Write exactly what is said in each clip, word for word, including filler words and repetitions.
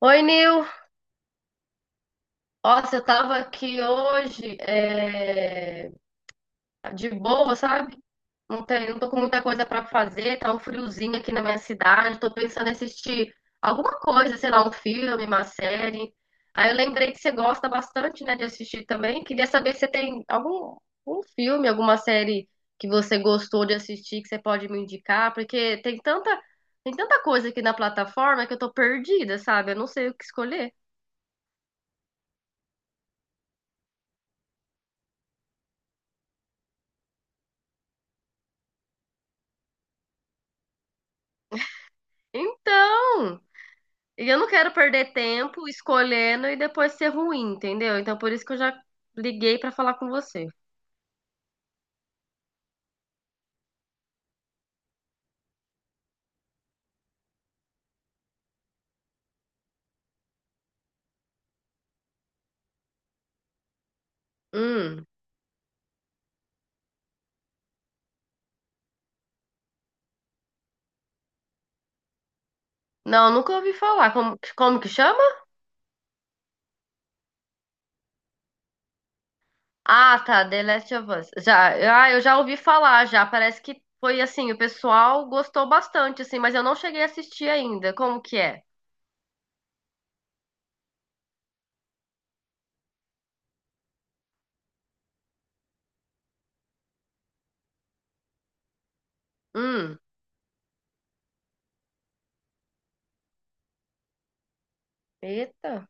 Oi, Nil. Nossa, eu tava aqui hoje, é, de boa, sabe? Não tem, não tô com muita coisa pra fazer, tá um friozinho aqui na minha cidade. Tô pensando em assistir alguma coisa, sei lá, um filme, uma série. Aí eu lembrei que você gosta bastante, né, de assistir também. Queria saber se você tem algum, algum filme, alguma série que você gostou de assistir, que você pode me indicar, porque tem tanta, tem tanta coisa aqui na plataforma que eu tô perdida, sabe? Eu não sei o que escolher. Então. E eu não quero perder tempo escolhendo e depois ser ruim, entendeu? Então por isso que eu já liguei pra falar com você. Hum. Não, nunca ouvi falar. Como, como que chama? Ah, tá, The Last of Us. Já, ah, eu já ouvi falar já. Parece que foi assim, o pessoal gostou bastante assim, mas eu não cheguei a assistir ainda. Como que é? Hum. Eita.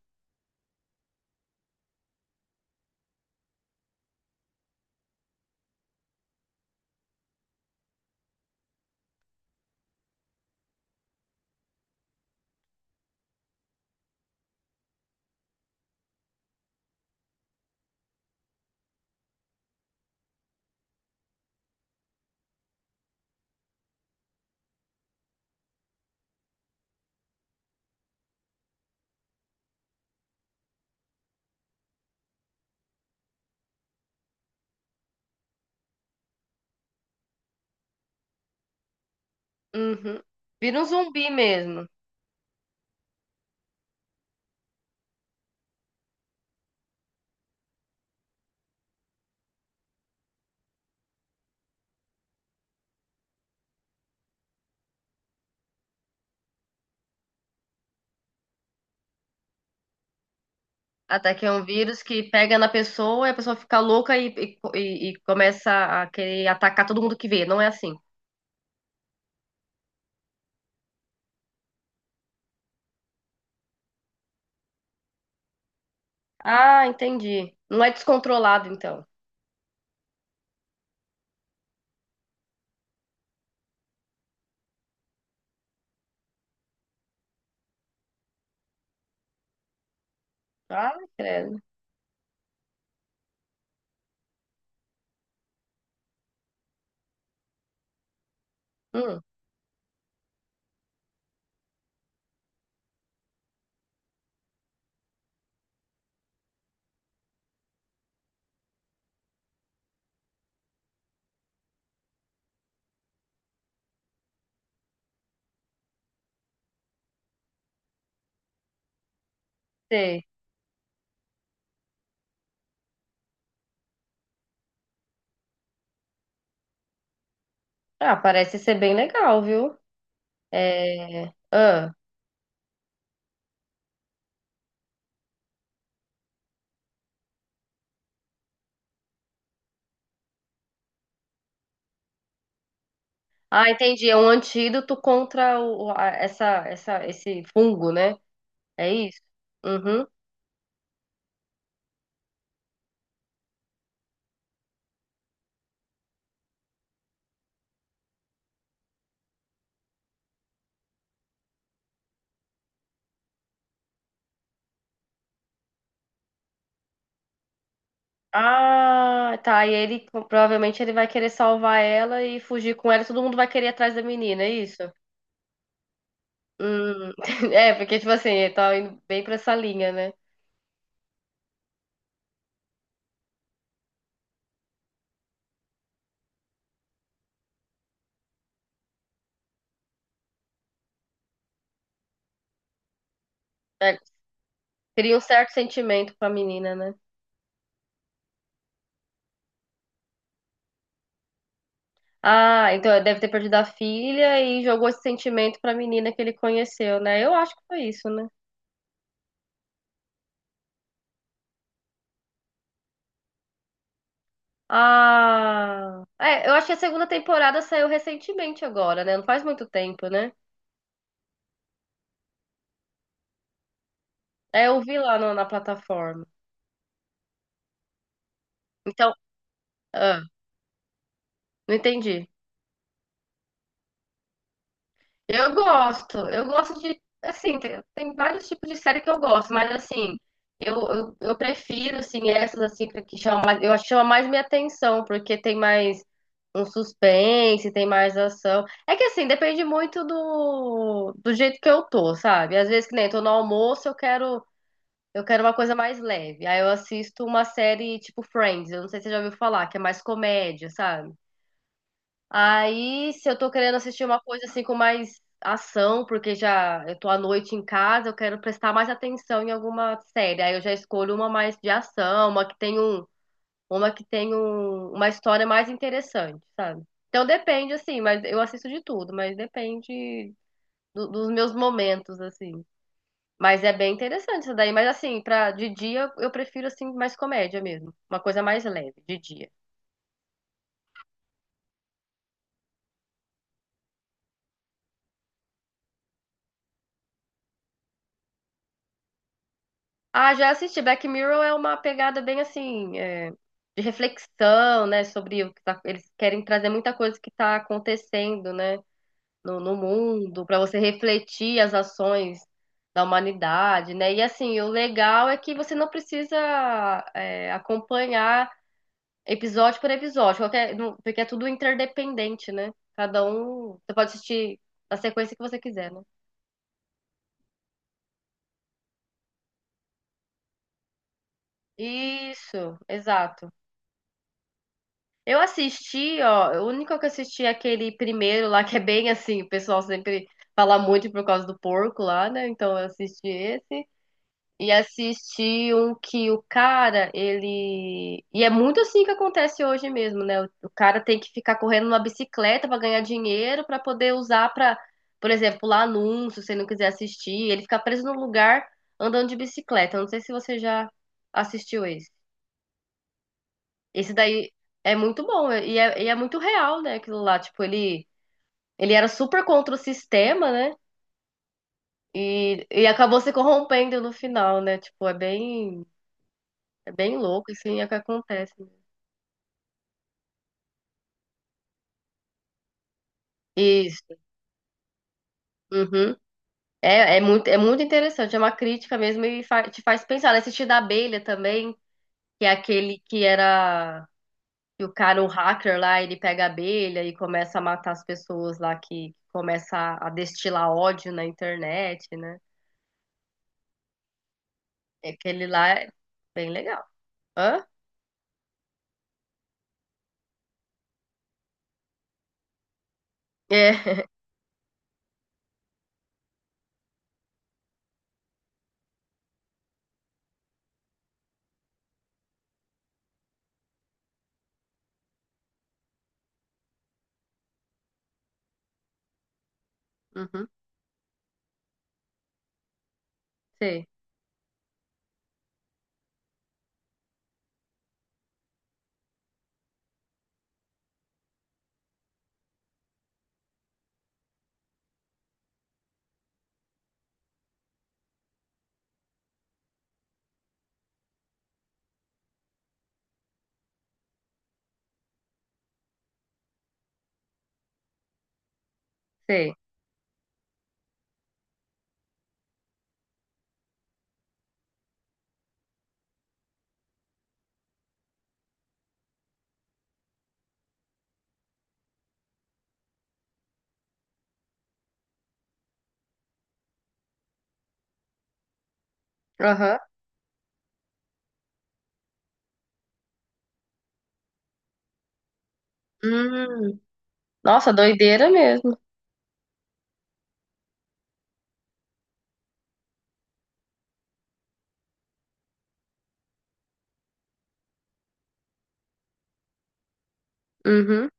Uhum. Vira um zumbi mesmo. Até que é um vírus que pega na pessoa e a pessoa fica louca e, e, e começa a querer atacar todo mundo que vê. Não é assim. Ah, entendi. Não é descontrolado, então. Ah, credo. Hum, sei. Ah, parece ser bem legal, viu? É... Ah. Ah, entendi. É um antídoto contra o, a- essa, essa, esse fungo, né? É isso? Uhum. Ah, tá. E ele provavelmente ele vai querer salvar ela e fugir com ela. E todo mundo vai querer ir atrás da menina, é isso? Hum. É, porque, tipo assim, ele tá indo bem pra essa linha, né? É, cria um certo sentimento com a menina, né? Ah, então ele deve ter perdido a filha e jogou esse sentimento pra menina que ele conheceu, né? Eu acho que foi isso, né? Ah, é, eu acho que a segunda temporada saiu recentemente agora, né? Não faz muito tempo, né? É, eu vi lá no- na plataforma. Então, ah, não entendi. Eu gosto, eu gosto de, assim, tem, tem vários tipos de série que eu gosto, mas assim, eu, eu, eu prefiro, assim, essas assim que que chamam, mais- eu acho que chama mais minha atenção, porque tem mais um suspense, tem mais ação. É que assim, depende muito do, do jeito que eu tô, sabe? Às vezes que nem tô no almoço, eu quero, eu quero uma coisa mais leve. Aí eu assisto uma série tipo Friends, eu não sei se você já ouviu falar, que é mais comédia, sabe? Aí, se eu tô querendo assistir uma coisa assim com mais ação, porque já eu tô à noite em casa, eu quero prestar mais atenção em alguma série. Aí eu já escolho uma mais de ação, uma que tem um, uma que tem um, uma história mais interessante, sabe? Então depende assim, mas eu assisto de tudo, mas depende do- dos meus momentos assim. Mas é bem interessante isso daí, mas assim, para de dia eu prefiro assim mais comédia mesmo, uma coisa mais leve de dia. Ah, já assisti. Black Mirror é uma pegada bem assim, é, de reflexão, né, sobre o que tá, eles querem trazer muita coisa que está acontecendo, né, no, no mundo, para você refletir as ações da humanidade, né? E assim, o legal é que você não precisa é, acompanhar episódio por episódio, qualquer, não- porque é tudo interdependente, né? Cada um, você pode assistir na sequência que você quiser, né? Isso, exato. Eu assisti, ó, o único que eu assisti é aquele primeiro lá, que é bem assim, o pessoal sempre fala muito por causa do porco lá, né? Então eu assisti esse. E assisti um que o cara, ele. E é muito assim que acontece hoje mesmo, né? O, o cara tem que ficar correndo numa bicicleta pra ganhar dinheiro, pra poder usar pra, por exemplo, lá anúncio, se ele não quiser assistir. Ele fica preso num lugar andando de bicicleta. Eu não sei se você já assistiu esse. Esse daí é muito bom e é, e é muito real, né? Aquilo lá, tipo, ele, ele era super contra o sistema, né? E, e acabou se corrompendo no final, né? Tipo, é bem, é bem louco, assim, é o que acontece, né. Isso. Uhum. É, é muito, é muito interessante, é uma crítica mesmo e fa- te faz pensar, né? Assistir da abelha também, que é aquele que era, que o cara, o hacker lá, ele pega a abelha e começa a matar as pessoas lá que começa a destilar ódio na internet, né? É, aquele lá é bem legal. Hã? É. Uhum. Sei, sei. Aham. Hum. Nossa, doideira mesmo. Uhum.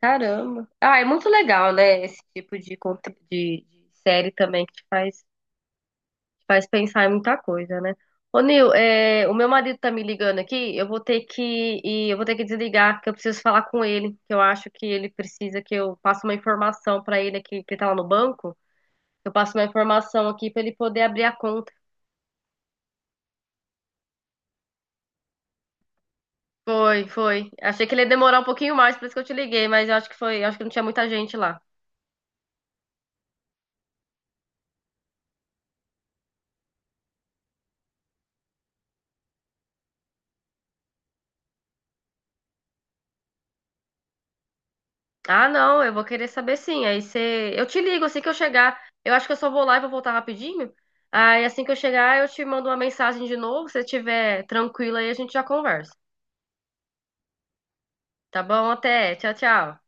Caramba. Ah, é muito legal, né? Esse tipo de, conte- de, de série também que te faz, te faz pensar em muita coisa, né? Ô, Nil, é, o meu marido tá me ligando aqui. Eu vou ter que ir, eu vou ter que desligar, que eu preciso falar com ele. Que eu acho que ele precisa que eu passe uma informação pra ele aqui, que ele tá lá no banco. Eu passo uma informação aqui pra ele poder abrir a conta. Foi, foi. Achei que ele ia demorar um pouquinho mais, por isso que eu te liguei, mas eu acho que foi, eu acho que não tinha muita gente lá. Ah, não, eu vou querer saber sim. Aí você, eu te ligo assim que eu chegar. Eu acho que eu só vou lá e vou voltar rapidinho. Aí assim que eu chegar, eu te mando uma mensagem de novo, se você estiver tranquila aí a gente já conversa. Tá bom? Até. Tchau, tchau.